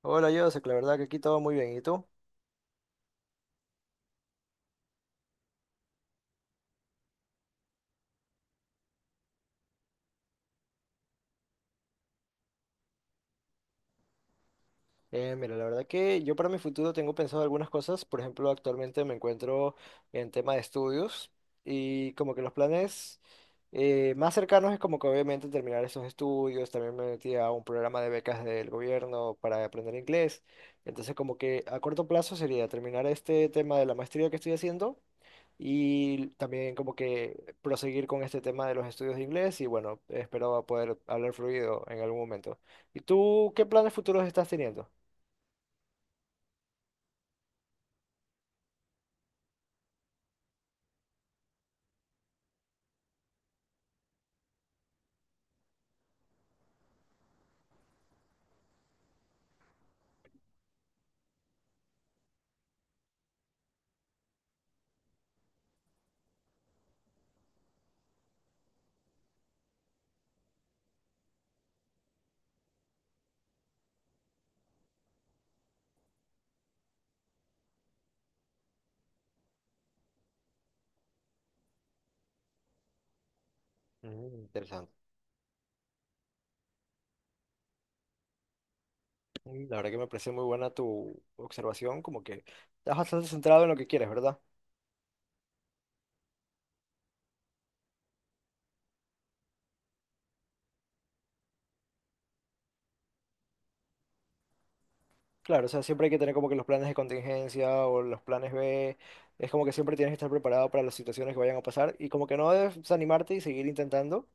Hola, Joseph, la verdad que aquí todo muy bien. ¿Y tú? Mira, la verdad que yo para mi futuro tengo pensado algunas cosas. Por ejemplo, actualmente me encuentro en tema de estudios y como que los planes más cercanos es como que obviamente terminar esos estudios. También me metí a un programa de becas del gobierno para aprender inglés. Entonces como que a corto plazo sería terminar este tema de la maestría que estoy haciendo y también como que proseguir con este tema de los estudios de inglés y bueno, espero poder hablar fluido en algún momento. ¿Y tú qué planes futuros estás teniendo? Mm, interesante. Mm, la verdad que me parece muy buena tu observación, como que estás bastante centrado en lo que quieres, ¿verdad? Claro, o sea, siempre hay que tener como que los planes de contingencia o los planes B, es como que siempre tienes que estar preparado para las situaciones que vayan a pasar y como que no debes desanimarte y seguir intentando,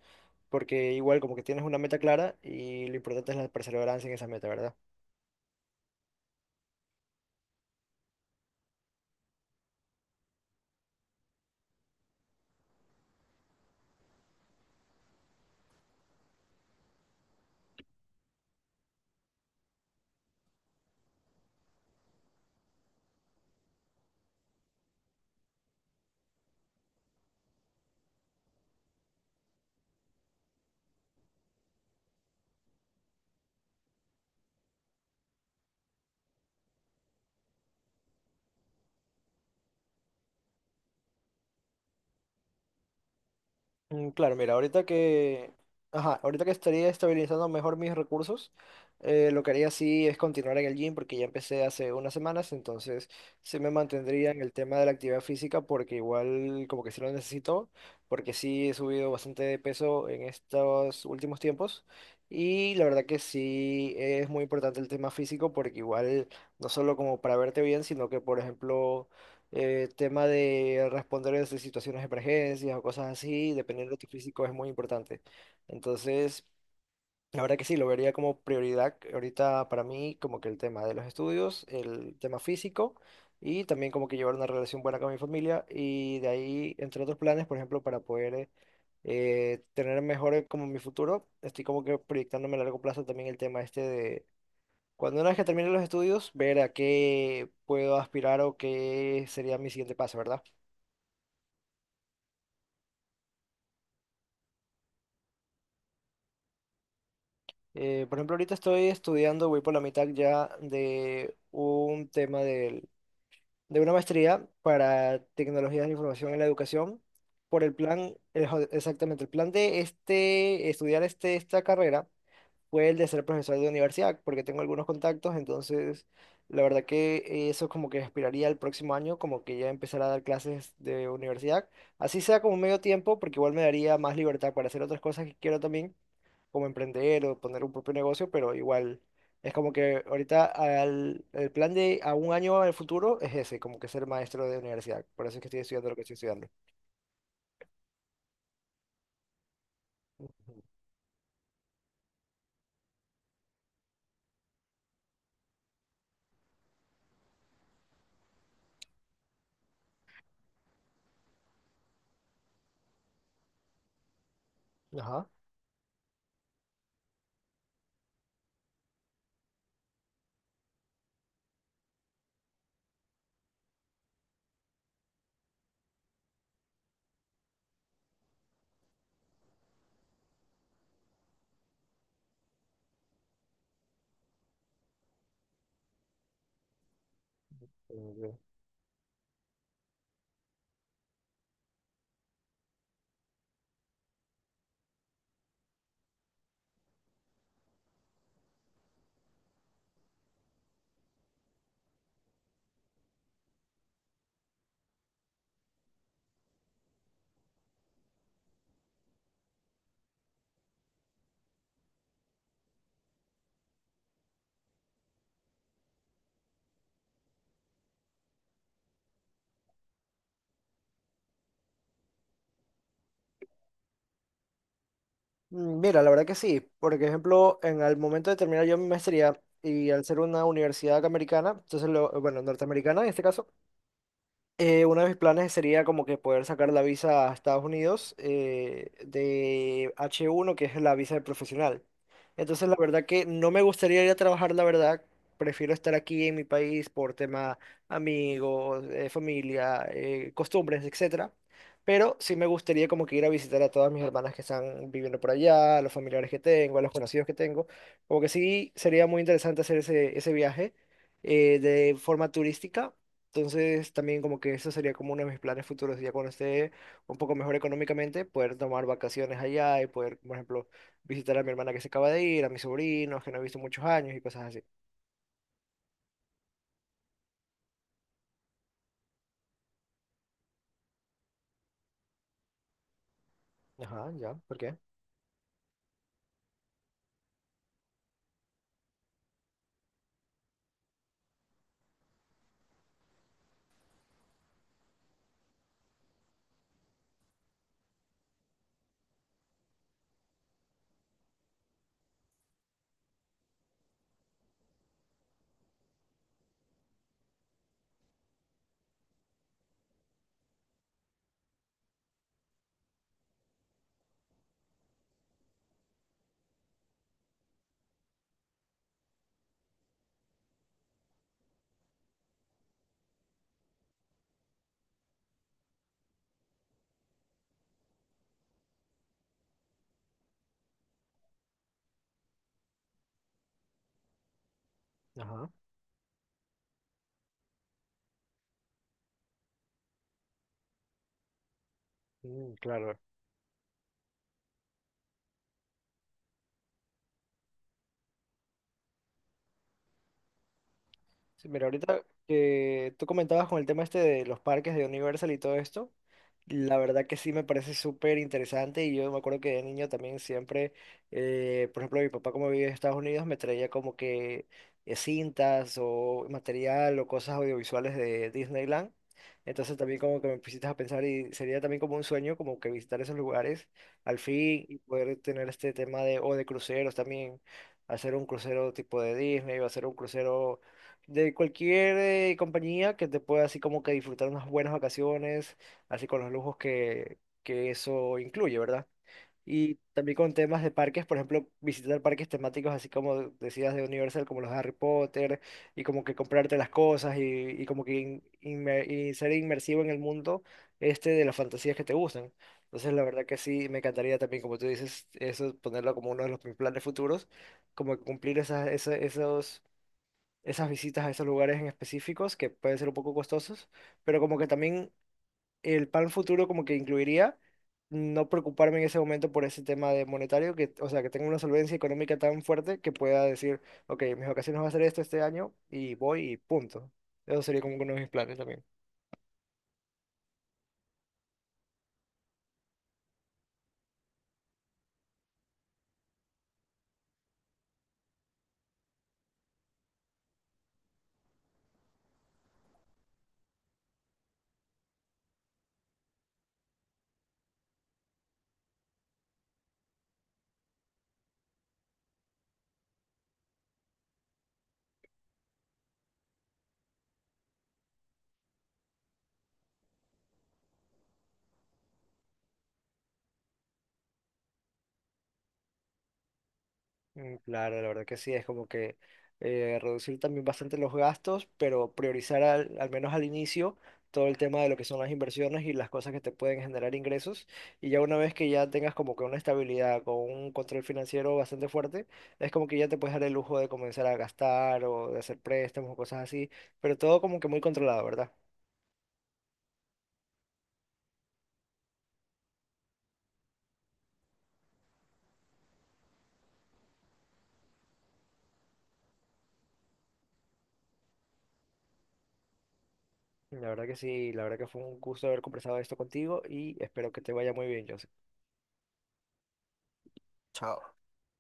porque igual como que tienes una meta clara y lo importante es la perseverancia en esa meta, ¿verdad? Mm, claro, mira, ahorita que, ajá, ahorita que estaría estabilizando mejor mis recursos, lo que haría sí es continuar en el gym porque ya empecé hace unas semanas, entonces sí me mantendría en el tema de la actividad física porque igual como que sí lo necesito, porque sí he subido bastante de peso en estos últimos tiempos y la verdad que sí es muy importante el tema físico porque igual no solo como para verte bien, sino que por ejemplo tema de responder a esas situaciones de emergencias o cosas así, dependiendo de tu físico, es muy importante. Entonces, la verdad que sí, lo vería como prioridad ahorita para mí, como que el tema de los estudios, el tema físico y también como que llevar una relación buena con mi familia y de ahí, entre otros planes, por ejemplo, para poder tener mejor como mi futuro, estoy como que proyectándome a largo plazo también el tema este de cuando una vez que termine los estudios, ver a qué puedo aspirar o qué sería mi siguiente paso, ¿verdad? Por ejemplo, ahorita estoy estudiando, voy por la mitad ya de de una maestría para tecnologías de la información en la educación, por el plan, exactamente, el plan de estudiar esta carrera fue el de ser profesor de universidad, porque tengo algunos contactos, entonces la verdad que eso como que aspiraría al próximo año, como que ya empezar a dar clases de universidad, así sea como medio tiempo, porque igual me daría más libertad para hacer otras cosas que quiero también, como emprender o poner un propio negocio, pero igual es como que el plan de a un año al futuro es ese, como que ser maestro de universidad, por eso es que estoy estudiando lo que estoy estudiando. Ajá. Mm, mira, la verdad que sí. Por ejemplo, en el momento de terminar yo mi maestría y al ser una universidad americana, entonces, bueno, norteamericana en este caso, uno de mis planes sería como que poder sacar la visa a Estados Unidos, de H1, que es la visa de profesional. Entonces, la verdad que no me gustaría ir a trabajar, la verdad. Prefiero estar aquí en mi país por tema amigos, familia, costumbres, etcétera. Pero sí me gustaría como que ir a visitar a todas mis hermanas que están viviendo por allá, a los familiares que tengo, a los conocidos que tengo. Como que sí sería muy interesante hacer ese viaje de forma turística. Entonces, también como que eso sería como uno de mis planes futuros, ya cuando esté un poco mejor económicamente, poder tomar vacaciones allá y poder, por ejemplo, visitar a mi hermana que se acaba de ir, a mis sobrinos que no he visto muchos años y cosas así. Ajá, ya, ¿por qué? Ajá. Mm, claro. Sí, mira, ahorita que tú comentabas con el tema este de los parques de Universal y todo esto, la verdad que sí me parece súper interesante y yo me acuerdo que de niño también siempre, por ejemplo, mi papá como vive en Estados Unidos me traía como que cintas o material o cosas audiovisuales de Disneyland. Entonces también como que me pusiste a pensar y sería también como un sueño como que visitar esos lugares al fin y poder tener este tema de, o de cruceros también, hacer un crucero tipo de Disney o hacer un crucero de cualquier compañía que te pueda así como que disfrutar unas buenas vacaciones, así con los lujos que eso incluye, ¿verdad? Y también con temas de parques, por ejemplo, visitar parques temáticos así como decías de Universal, como los de Harry Potter, y como que comprarte las cosas y como que y ser inmersivo en el mundo este de las fantasías que te gustan. Entonces, la verdad que sí, me encantaría también, como tú dices, eso ponerlo como uno de los mis planes futuros, como que cumplir esas visitas a esos lugares en específicos que pueden ser un poco costosos, pero como que también el plan futuro como que incluiría no preocuparme en ese momento por ese tema de monetario, que, o sea, que tenga una solvencia económica tan fuerte que pueda decir, ok, mis vacaciones van a ser esto este año y voy y punto. Eso sería como uno de mis planes también. Mm, claro, la verdad que sí, es como que reducir también bastante los gastos, pero priorizar al menos al inicio todo el tema de lo que son las inversiones y las cosas que te pueden generar ingresos. Y ya una vez que ya tengas como que una estabilidad con un control financiero bastante fuerte, es como que ya te puedes dar el lujo de comenzar a gastar o de hacer préstamos o cosas así, pero todo como que muy controlado, ¿verdad? La verdad que sí, la verdad que fue un gusto haber conversado esto contigo y espero que te vaya muy bien, Joseph. Chao.